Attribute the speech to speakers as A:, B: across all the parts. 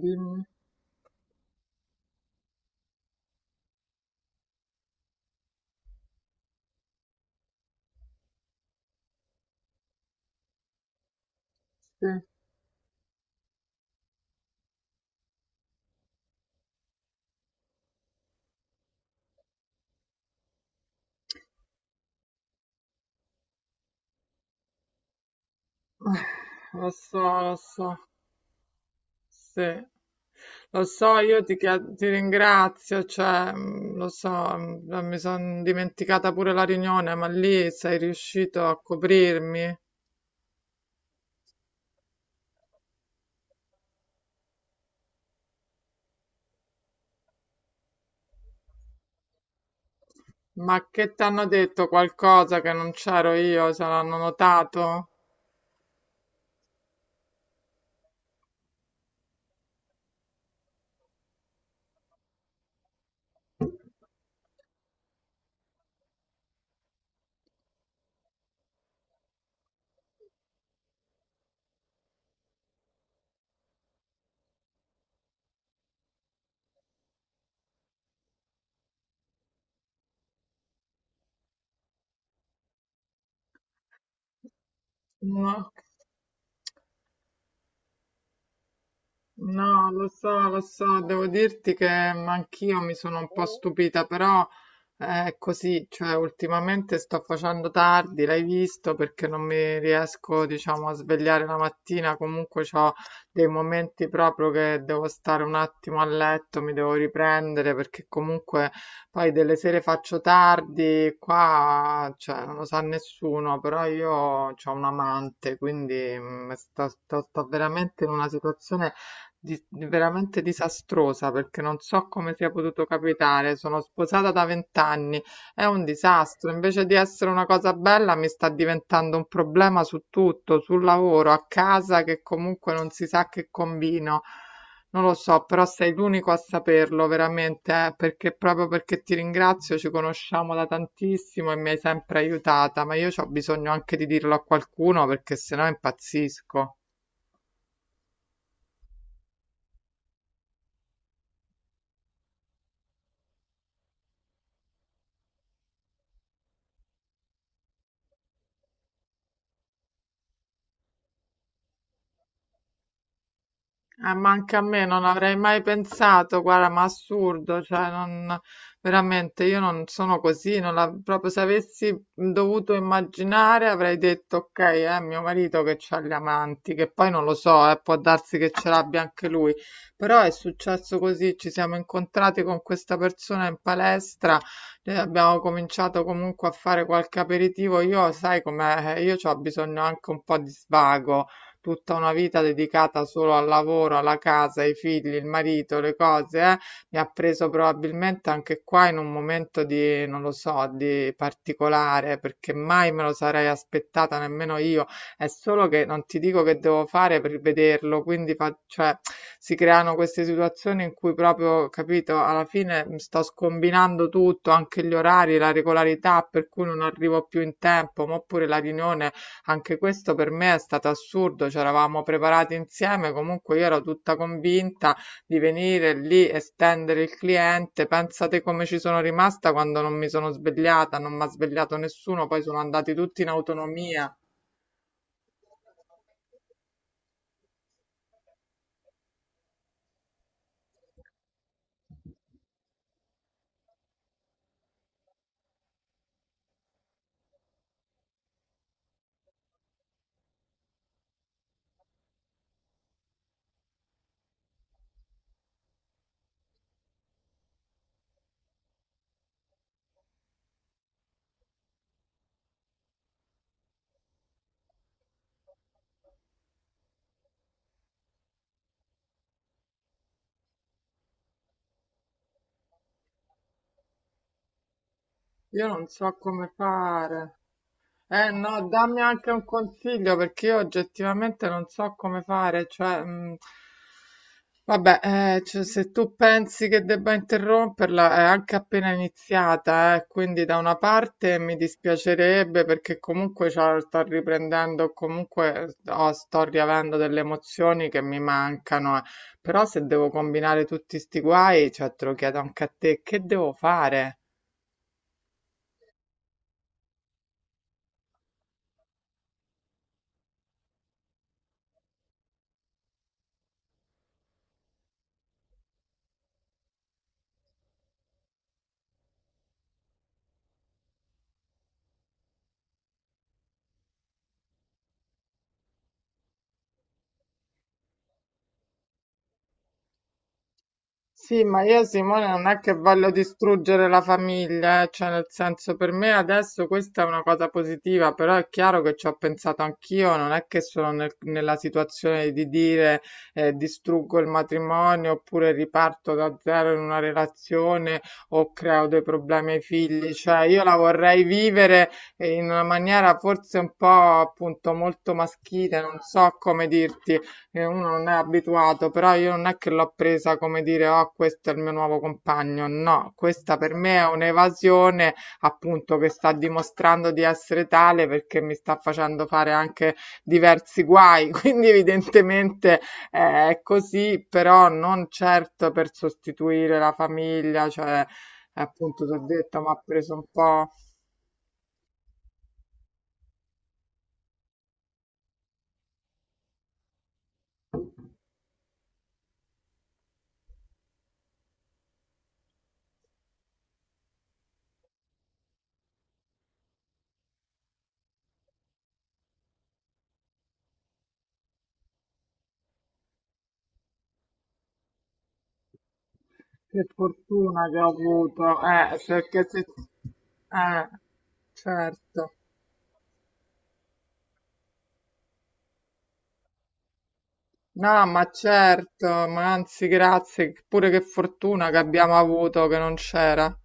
A: Dimmi se... Lo so, lo so, sì. Lo so, ti ringrazio, cioè, lo so, mi sono dimenticata pure la riunione, ma lì sei riuscito a coprirmi. Ma che ti hanno detto qualcosa che non c'ero io? Se l'hanno notato? No. No, lo so, devo dirti che anch'io mi sono un po' stupita, però è così, cioè ultimamente sto facendo tardi, l'hai visto, perché non mi riesco, diciamo, a svegliare la mattina. Comunque ho dei momenti proprio che devo stare un attimo a letto, mi devo riprendere, perché comunque poi delle sere faccio tardi, qua, cioè, non lo sa nessuno, però io ho un amante, quindi sto veramente in una situazione veramente disastrosa perché non so come sia potuto capitare. Sono sposata da 20 anni, è un disastro. Invece di essere una cosa bella, mi sta diventando un problema su tutto, sul lavoro, a casa, che comunque non si sa che combino. Non lo so, però sei l'unico a saperlo veramente, perché proprio perché ti ringrazio, ci conosciamo da tantissimo e mi hai sempre aiutata, ma io ho bisogno anche di dirlo a qualcuno perché sennò impazzisco. Ma anche a me non avrei mai pensato, guarda, ma assurdo, cioè non, veramente io non sono così, non la- proprio se avessi dovuto immaginare avrei detto ok, è mio marito che c'ha gli amanti, che poi non lo so, può darsi che ce l'abbia anche lui. Però è successo così, ci siamo incontrati con questa persona in palestra, abbiamo cominciato comunque a fare qualche aperitivo, io sai com'è, io ho bisogno anche un po' di svago, tutta una vita dedicata solo al lavoro, alla casa, ai figli, il marito, le cose, mi ha preso probabilmente anche qua in un momento di, non lo so, di particolare, perché mai me lo sarei aspettata nemmeno io. È solo che non ti dico che devo fare per vederlo, quindi cioè, si creano queste situazioni in cui proprio, capito, alla fine mi sto scombinando tutto, anche gli orari, la regolarità, per cui non arrivo più in tempo, ma oppure la riunione, anche questo per me è stato assurdo, c'eravamo preparati insieme, comunque io ero tutta convinta di venire lì e stendere il cliente. Pensate come ci sono rimasta quando non mi sono svegliata, non mi ha svegliato nessuno, poi sono andati tutti in autonomia. Io non so come fare. Eh no, dammi anche un consiglio perché io oggettivamente non so come fare, cioè, vabbè, cioè, se tu pensi che debba interromperla, è anche appena iniziata, quindi da una parte mi dispiacerebbe perché comunque cioè, sto riprendendo, comunque oh, sto riavendo delle emozioni che mi mancano, eh. Però se devo combinare tutti sti guai, cioè, te lo chiedo anche a te, che devo fare? Sì, ma io Simone non è che voglio distruggere la famiglia, cioè, nel senso, per me adesso questa è una cosa positiva, però è chiaro che ci ho pensato anch'io, non è che sono nella situazione di dire distruggo il matrimonio oppure riparto da zero in una relazione o creo dei problemi ai figli, cioè io la vorrei vivere in una maniera forse un po' appunto molto maschile, non so come dirti, che uno non è abituato. Però io non è che l'ho presa come dire, oh, questo è il mio nuovo compagno, no, questa per me è un'evasione, appunto, che sta dimostrando di essere tale perché mi sta facendo fare anche diversi guai, quindi evidentemente è così, però non certo per sostituire la famiglia, cioè appunto ti ho detto, mi ha preso un po'. Che fortuna che ho avuto, perché se... Eh, certo. No, ma certo, ma anzi grazie, pure che fortuna che abbiamo avuto che non c'era.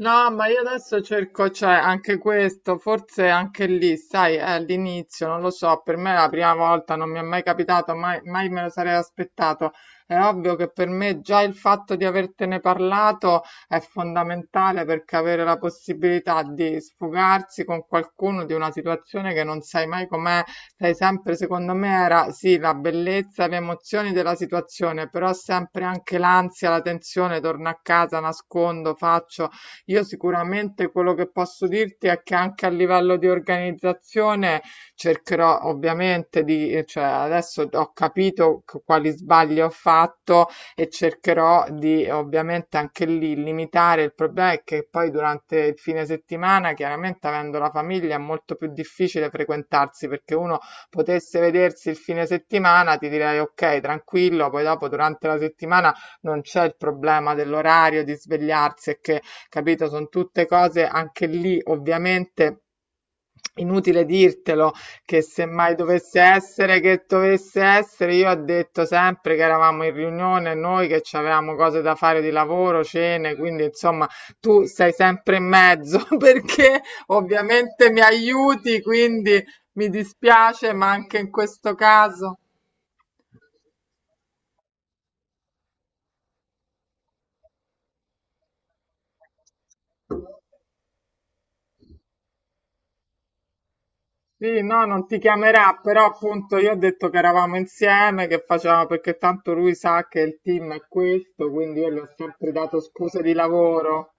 A: No, ma io adesso cerco, cioè, anche questo, forse anche lì, sai, è all'inizio, non lo so, per me è la prima volta, non mi è mai capitato, mai, mai me lo sarei aspettato. È ovvio che per me già il fatto di avertene parlato è fondamentale, perché avere la possibilità di sfogarsi con qualcuno di una situazione che non sai mai com'è, sai sempre, secondo me, era sì, la bellezza, le emozioni della situazione, però sempre anche l'ansia, la tensione, torno a casa, nascondo, faccio, io sicuramente quello che posso dirti è che anche a livello di organizzazione cercherò ovviamente di, cioè adesso ho capito quali sbagli ho fatto e cercherò di ovviamente anche lì limitare. Il problema è che poi durante il fine settimana, chiaramente avendo la famiglia, è molto più difficile frequentarsi, perché uno potesse vedersi il fine settimana, ti direi ok, tranquillo, poi dopo durante la settimana non c'è il problema dell'orario, di svegliarsi e che, capito? Sono tutte cose anche lì, ovviamente. Inutile dirtelo, che se mai dovesse essere, che dovesse essere, io ho detto sempre che eravamo in riunione, noi che ci avevamo cose da fare di lavoro, cene, quindi insomma tu sei sempre in mezzo perché ovviamente mi aiuti, quindi mi dispiace, ma anche in questo caso. Sì, no, non ti chiamerà, però appunto io ho detto che eravamo insieme, che facevamo, perché tanto lui sa che il team è questo, quindi io gli ho sempre dato scuse di lavoro.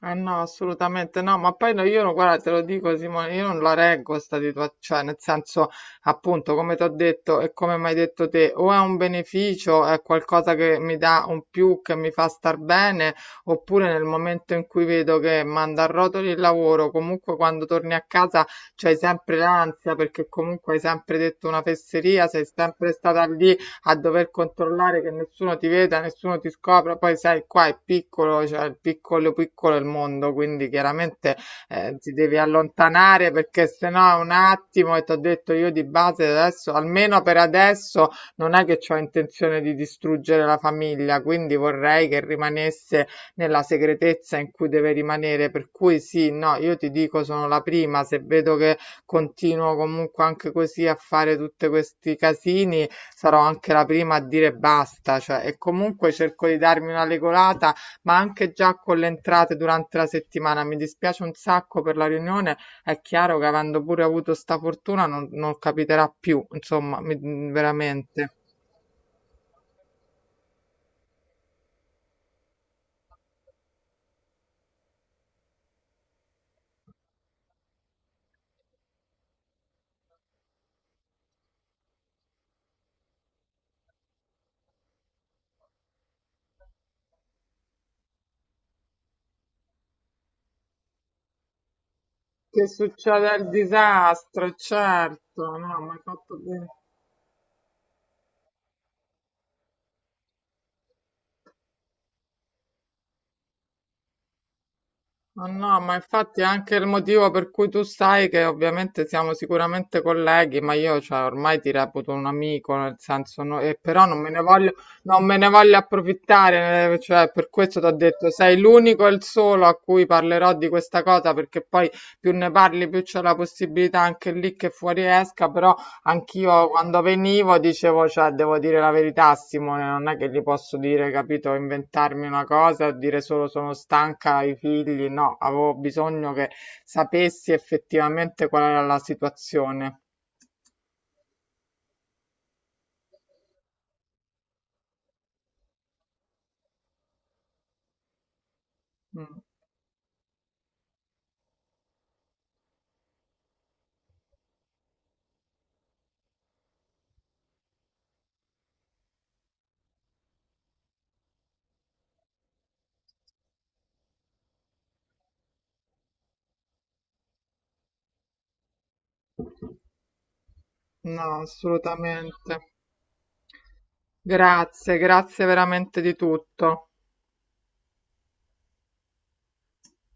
A: Eh no, assolutamente no, ma poi no, io no, guarda, te lo dico Simone, io non la reggo sta situazione, cioè nel senso, appunto, come ti ho detto e come mi hai detto te, o è un beneficio, è qualcosa che mi dà un più, che mi fa star bene, oppure nel momento in cui vedo che manda a rotoli il lavoro, comunque quando torni a casa c'hai sempre l'ansia perché comunque hai sempre detto una fesseria, sei sempre stata lì a dover controllare che nessuno ti veda, nessuno ti scopra. Poi sai, qua è piccolo, cioè il piccolo piccolo è il mondo, quindi chiaramente ti devi allontanare perché sennò è un attimo, e ti ho detto, io di base adesso, almeno per adesso, non è che ho intenzione di distruggere la famiglia, quindi vorrei che rimanesse nella segretezza in cui deve rimanere. Per cui sì, no, io ti dico sono la prima, se vedo che continuo comunque anche così a fare tutti questi casini, sarò anche la prima a dire basta, cioè, e comunque cerco di darmi una regolata, ma anche già con le entrate durante la settimana. Mi dispiace un sacco per la riunione, è chiaro che avendo pure avuto sta fortuna non, non capiterà più, insomma, veramente. Che succede il disastro, certo, no, mi hai fatto bene. Ma no, ma infatti è anche il motivo per cui tu sai che ovviamente siamo sicuramente colleghi, ma io cioè, ormai ti reputo un amico, nel senso, e però non me ne voglio approfittare, cioè, per questo ti ho detto, sei l'unico e il solo a cui parlerò di questa cosa, perché poi più ne parli, più c'è la possibilità anche lì che fuori esca, però anch'io quando venivo dicevo, cioè, devo dire la verità a Simone, non è che gli posso dire, capito, inventarmi una cosa e dire solo sono stanca ai figli, no, avevo bisogno che sapessi effettivamente qual era la situazione. Mm. No, assolutamente. Grazie, grazie veramente di tutto.